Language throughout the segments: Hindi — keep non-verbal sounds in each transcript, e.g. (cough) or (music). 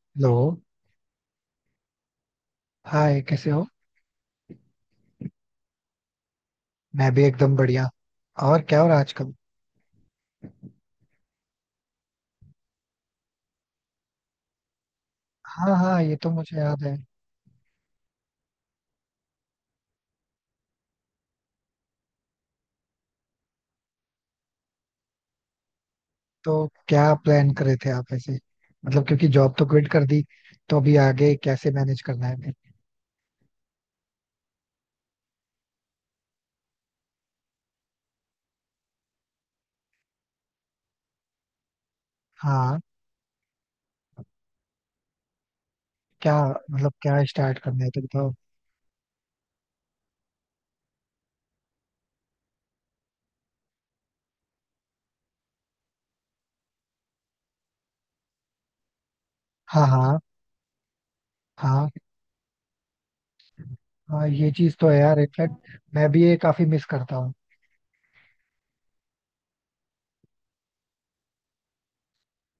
हेलो. हाय, कैसे हो? मैं भी एकदम बढ़िया. और क्या हो रहा है आजकल? हाँ, हाँ, ये तो मुझे याद है. तो क्या प्लान कर रहे थे आप ऐसे? मतलब क्योंकि जॉब तो क्विट कर दी, तो अभी आगे कैसे मैनेज करना है फिर? हाँ. क्या मतलब क्या स्टार्ट करना है तो बताओ. हाँ, हाँ, हाँ, हाँ, ये चीज तो है यार. इनफैक्ट मैं भी ये काफी मिस करता हूँ.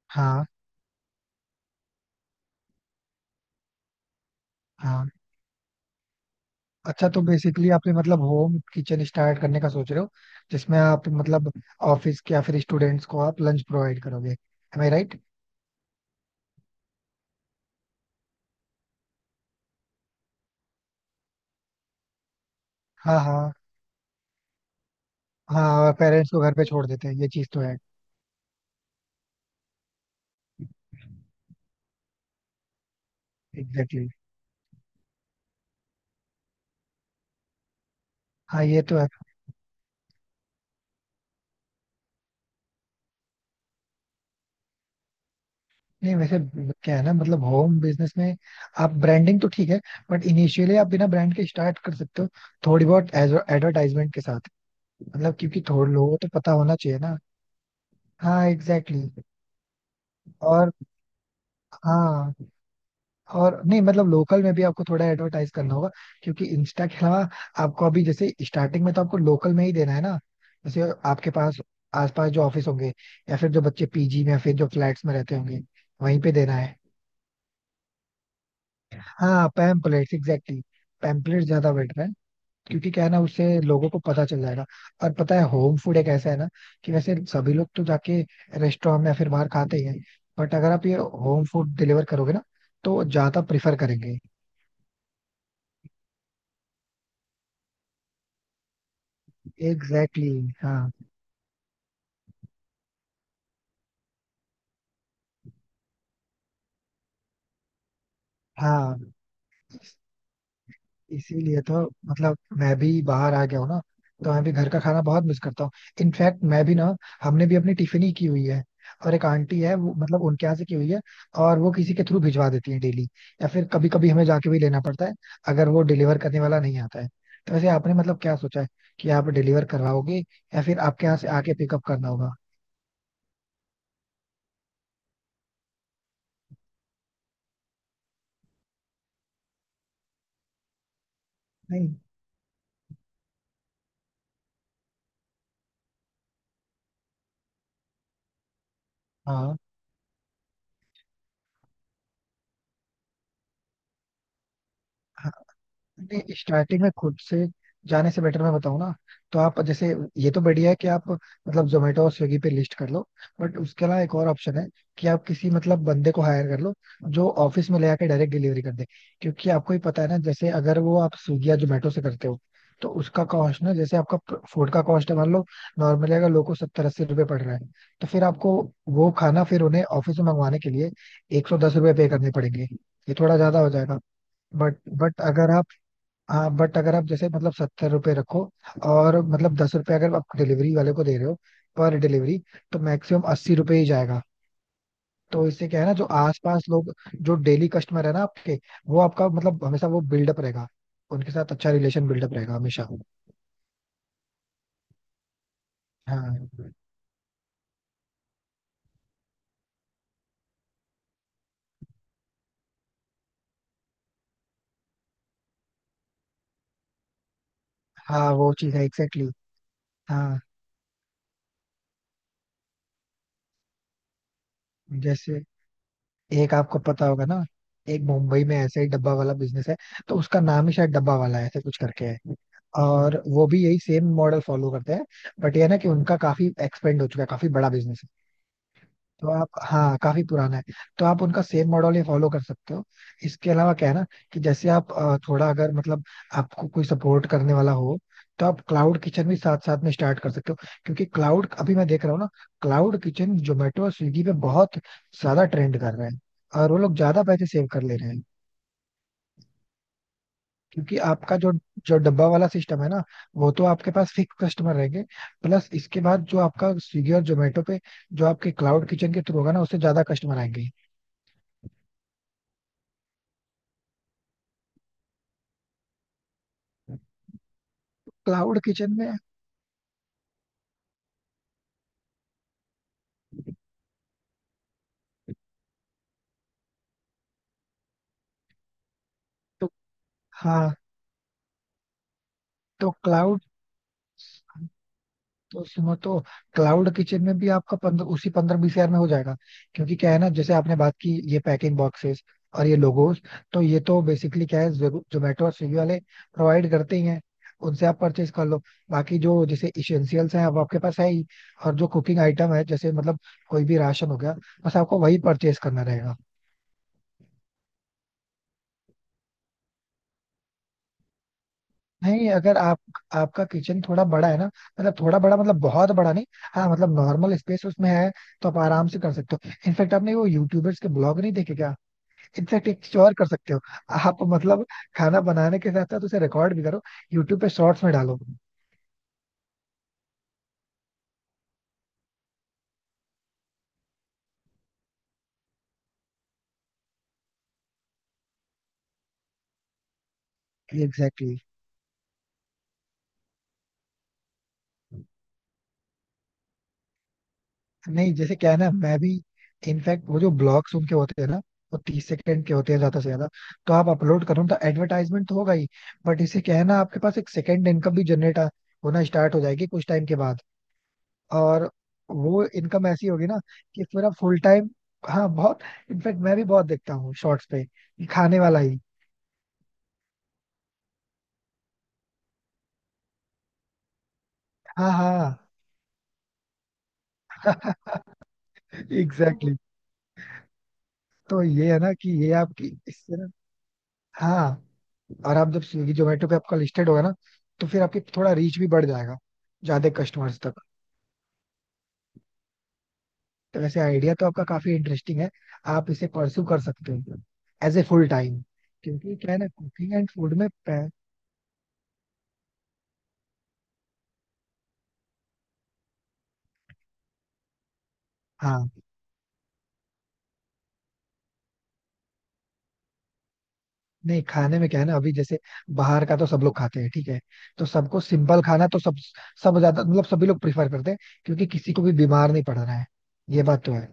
हाँ, हाँ. अच्छा, तो बेसिकली आपने मतलब होम किचन स्टार्ट करने का सोच रहे हो, जिसमें आप मतलब ऑफिस के या फिर स्टूडेंट्स को आप लंच प्रोवाइड करोगे, एम आई राइट? हाँ, हाँ, हाँ, पेरेंट्स को घर पे छोड़ देते हैं, ये चीज तो है. Exactly, exactly. हाँ, ये तो है. नहीं वैसे, क्या है ना, मतलब होम बिजनेस में आप ब्रांडिंग तो ठीक है, बट इनिशियली आप बिना ब्रांड के स्टार्ट कर सकते हो, थोड़ी बहुत एडवर्टाइजमेंट के साथ. मतलब क्योंकि थोड़े लोगों को तो पता होना चाहिए ना. हाँ, एग्जैक्टली, exactly. और, हाँ, और, नहीं मतलब लोकल में भी आपको थोड़ा एडवर्टाइज करना होगा, क्योंकि इंस्टा के अलावा आपको अभी जैसे स्टार्टिंग में तो आपको लोकल में ही देना है ना. जैसे आपके पास आसपास जो ऑफिस होंगे, या फिर जो बच्चे पीजी में या फिर जो फ्लैट्स में रहते होंगे, वहीं पे देना है. हाँ, पैम्पलेट्स एग्जैक्टली. पैम्पलेट्स ज्यादा बेटर है, क्योंकि क्या है ना, उससे लोगों को पता चल जाएगा. और पता है होम फूड एक ऐसा है ना, कि वैसे सभी लोग तो जाके रेस्टोरेंट में या फिर बाहर खाते ही हैं, बट अगर आप ये होम फूड डिलीवर करोगे ना, तो ज्यादा प्रिफर करेंगे. एग्जैक्टली, exactly, हाँ, हाँ. इसीलिए तो, मतलब मैं भी बाहर आ गया हूँ ना, तो मैं भी घर का खाना बहुत मिस करता हूँ. इनफैक्ट मैं भी ना, हमने भी अपनी टिफिन ही की हुई है, और एक आंटी है वो मतलब उनके यहाँ से की हुई है, और वो किसी के थ्रू भिजवा देती है डेली, या फिर कभी कभी हमें जाके भी लेना पड़ता है, अगर वो डिलीवर करने वाला नहीं आता है. तो वैसे आपने मतलब क्या सोचा है, कि आप डिलीवर करवाओगे, या फिर आपके यहाँ से आके पिकअप करना होगा? नहीं, हाँ, नहीं, स्टार्टिंग में खुद से जाने से बेटर मैं बताऊं ना, तो आप जैसे, ये तो बढ़िया है कि आप मतलब जोमेटो और स्विगी पे लिस्ट कर लो, बट उसके अलावा एक और ऑप्शन है, कि आप किसी मतलब बंदे को हायर कर लो, जो ऑफिस में ले आके डायरेक्ट डिलीवरी कर दे. क्योंकि आपको ही पता है ना, जैसे अगर वो आप स्विगी या जोमेटो से करते हो, तो उसका कॉस्ट ना, जैसे आपका फूड का कॉस्ट है मान लो, नॉर्मली अगर लोगों को 70-80 रुपये पड़ रहा है, तो फिर आपको वो खाना फिर उन्हें ऑफिस में मंगवाने के लिए 110 रुपये पे करने पड़ेंगे, ये थोड़ा ज्यादा हो जाएगा. बट अगर आप, हाँ, बट अगर आप जैसे मतलब 70 रुपये रखो, और मतलब 10 रुपये अगर आप डिलीवरी वाले को दे रहे हो पर डिलीवरी, तो मैक्सिमम 80 रुपये ही जाएगा. तो इससे क्या है ना, जो आसपास लोग, जो डेली कस्टमर है ना आपके, वो आपका मतलब हमेशा वो बिल्डअप रहेगा, उनके साथ अच्छा रिलेशन बिल्डअप रहेगा हमेशा. हाँ, हाँ, वो चीज़ है एग्जैक्टली. हाँ, जैसे एक आपको पता होगा ना, एक मुंबई में ऐसे ही डब्बा वाला बिजनेस है, तो उसका नाम ही शायद डब्बा वाला है, ऐसे कुछ करके है. और वो भी यही सेम मॉडल फॉलो करते हैं, बट ये है ना कि उनका काफी एक्सपेंड हो चुका है, काफी बड़ा बिजनेस. तो आप, हाँ, काफी पुराना है, तो आप उनका सेम मॉडल ही फॉलो कर सकते हो. इसके अलावा क्या है ना, कि जैसे आप थोड़ा अगर मतलब आपको कोई सपोर्ट करने वाला हो, तो आप क्लाउड किचन भी साथ साथ में स्टार्ट कर सकते हो. क्योंकि क्लाउड अभी मैं देख रहा हूँ ना, क्लाउड किचन जोमेटो और स्विगी पे बहुत ज्यादा ट्रेंड कर रहे हैं, और वो लोग ज्यादा पैसे सेव कर ले रहे हैं. क्योंकि आपका जो जो डब्बा वाला सिस्टम है ना, वो तो आपके पास फिक्स कस्टमर रहेंगे, प्लस इसके बाद जो आपका स्विगी और जोमेटो पे, जो आपके क्लाउड किचन के थ्रू होगा ना, उससे ज्यादा कस्टमर आएंगे. क्लाउड किचन में, तो हाँ, तो क्लाउड, तो सुनो, तो क्लाउड किचन में भी आपका 15, उसी 15-20 हज़ार में हो जाएगा. क्योंकि क्या है ना, जैसे आपने बात की ये पैकिंग बॉक्सेस और ये लोगोस, तो ये तो बेसिकली क्या है, जोमेटो और स्विगी वाले प्रोवाइड करते ही हैं, उनसे आप परचेज कर लो. बाकी जो जैसे इसेंशियल्स हैं अब आपके पास है ही. और जो कुकिंग आइटम है, जैसे मतलब कोई भी राशन हो गया, बस आपको वही परचेज करना रहेगा. नहीं अगर आप, आपका किचन थोड़ा बड़ा है ना, मतलब थोड़ा बड़ा मतलब बहुत बड़ा नहीं, हाँ मतलब नॉर्मल स्पेस उसमें है, तो आप आराम से कर सकते हो. इनफैक्ट आपने वो यूट्यूबर्स के ब्लॉग नहीं देखे क्या? इनफैक्ट एक चीज और कर सकते हो, आप मतलब खाना बनाने के साथ साथ उसे रिकॉर्ड भी करो, यूट्यूब पे शॉर्ट्स में डालो. Exactly, exactly. नहीं जैसे क्या है ना, मैं भी इनफैक्ट वो जो ब्लॉग्स उनके होते हैं ना, वो 30 सेकंड के होते हैं ज्यादा से ज्यादा, तो आप अपलोड करो तो एडवर्टाइजमेंट तो होगा ही, बट इसे क्या है ना, आपके पास एक सेकंड इनकम भी जनरेट होना स्टार्ट हो जाएगी कुछ टाइम के बाद. और वो इनकम ऐसी होगी ना, कि इसमें ना फुल टाइम, हाँ बहुत, इनफैक्ट मैं भी बहुत देखता हूँ शॉर्ट्स पे ये खाने वाला ही. हाँ, हाँ, एग्जैक्टली, exactly. तो ये है ना कि ये आपकी इससे ना. हाँ, और आप जब स्विगी जोमेटो पे आपका लिस्टेड होगा ना, तो फिर आपकी थोड़ा रीच भी बढ़ जाएगा, ज्यादा कस्टमर्स तक. तो वैसे आइडिया तो आपका काफी इंटरेस्टिंग है, आप इसे परस्यू कर सकते हो एज ए फुल टाइम. क्योंकि क्या है ना कुकिंग एंड फूड में हाँ, नहीं खाने में क्या है ना, अभी जैसे, बाहर का तो सब लोग खाते हैं ठीक है, तो सबको सिंपल खाना तो सब सब ज्यादा मतलब सभी लोग प्रिफर करते हैं, क्योंकि किसी को भी बीमार नहीं पड़ रहा है, ये बात तो है.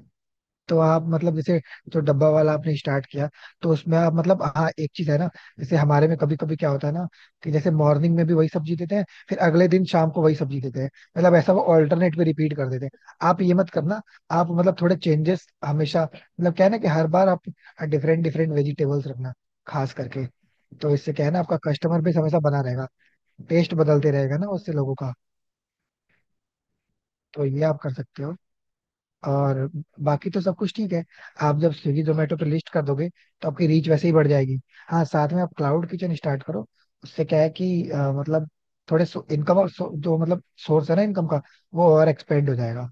तो आप मतलब जैसे जो डब्बा वाला आपने स्टार्ट किया, तो उसमें आप मतलब, हाँ एक चीज है ना, जैसे हमारे में कभी कभी क्या होता है ना, कि जैसे मॉर्निंग में भी वही सब्जी देते हैं, फिर अगले दिन शाम को वही सब्जी देते हैं, मतलब ऐसा वो ऑल्टरनेट पे रिपीट कर देते हैं. आप ये मत करना, आप मतलब थोड़े चेंजेस हमेशा, मतलब क्या है ना कि हर बार आप डिफरेंट डिफरेंट वेजिटेबल्स रखना, खास करके. तो इससे क्या है ना, आपका कस्टमर बेस हमेशा बना रहेगा, टेस्ट बदलते रहेगा ना उससे लोगों का. तो ये आप कर सकते हो. और बाकी तो सब कुछ ठीक है, आप जब स्विगी जोमेटो पे लिस्ट कर दोगे, तो आपकी रीच वैसे ही बढ़ जाएगी. हाँ साथ में आप क्लाउड किचन स्टार्ट करो, उससे क्या है कि मतलब थोड़े इनकम और जो मतलब सोर्स है ना इनकम का, वो और एक्सपेंड हो जाएगा.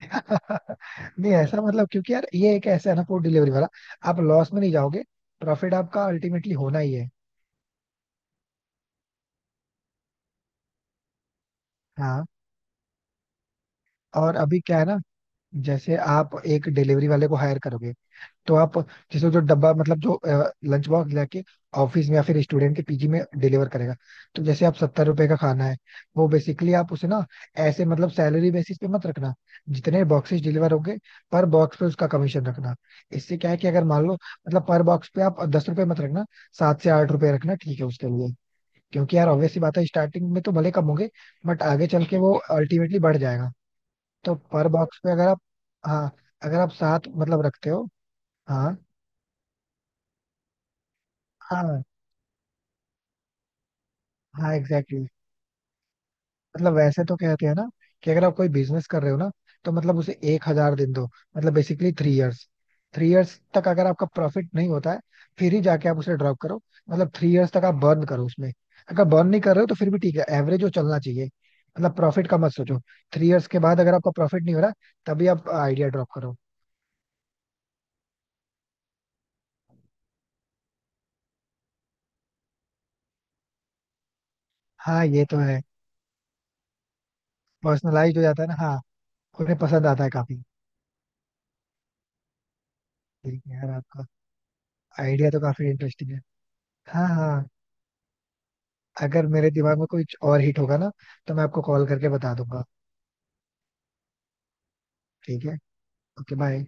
(laughs) नहीं ऐसा मतलब क्योंकि यार, ये एक ऐसा है ना फूड डिलीवरी वाला, आप लॉस में नहीं जाओगे, प्रॉफिट आपका अल्टीमेटली होना ही है. हाँ, और अभी क्या है ना, जैसे आप एक डिलीवरी वाले को हायर करोगे, तो आप जैसे जो डब्बा मतलब जो लंच बॉक्स लेके ऑफिस में या फिर स्टूडेंट के पीजी में डिलीवर करेगा, तो जैसे आप 70 रुपए का खाना है, वो बेसिकली आप उसे ना, ऐसे मतलब सैलरी बेसिस पे मत रखना, जितने बॉक्सेस डिलीवर होंगे पर बॉक्स पे उसका कमीशन रखना. इससे क्या है कि अगर मान लो, मतलब पर बॉक्स पे आप 10 रुपए मत रखना, 7 से 8 रुपए रखना ठीक है उसके लिए. क्योंकि यार ऑब्वियस सी बात है, स्टार्टिंग में तो भले कम होंगे, बट आगे चल के वो अल्टीमेटली बढ़ जाएगा. तो पर बॉक्स पे अगर आप, हाँ, अगर आप 7 मतलब रखते हो, हाँ, हाँ, हाँ, एग्जैक्टली, exactly. मतलब वैसे तो कहते हैं ना, कि अगर आप कोई बिजनेस कर रहे हो ना, तो मतलब उसे 1,000 दिन दो, मतलब basically three years. Three years तक अगर आपका प्रॉफिट नहीं होता है, फिर ही जाके आप उसे ड्रॉप करो, मतलब थ्री इयर्स तक आप बर्न करो उसमें. अगर बर्न नहीं कर रहे हो तो फिर भी ठीक है, एवरेज जो चलना चाहिए, मतलब प्रॉफिट का मत सोचो. थ्री इयर्स के बाद अगर आपका प्रॉफिट नहीं हो रहा, तभी आप आइडिया ड्रॉप करो. हाँ ये तो है, पर्सनलाइज हो जाता है ना, हाँ, उन्हें पसंद आता है काफी. ठीक है यार, आपका आइडिया तो काफी इंटरेस्टिंग है, हाँ, हाँ. अगर मेरे दिमाग में कुछ और हिट होगा ना, तो मैं आपको कॉल करके बता दूंगा. ठीक है. Okay bye.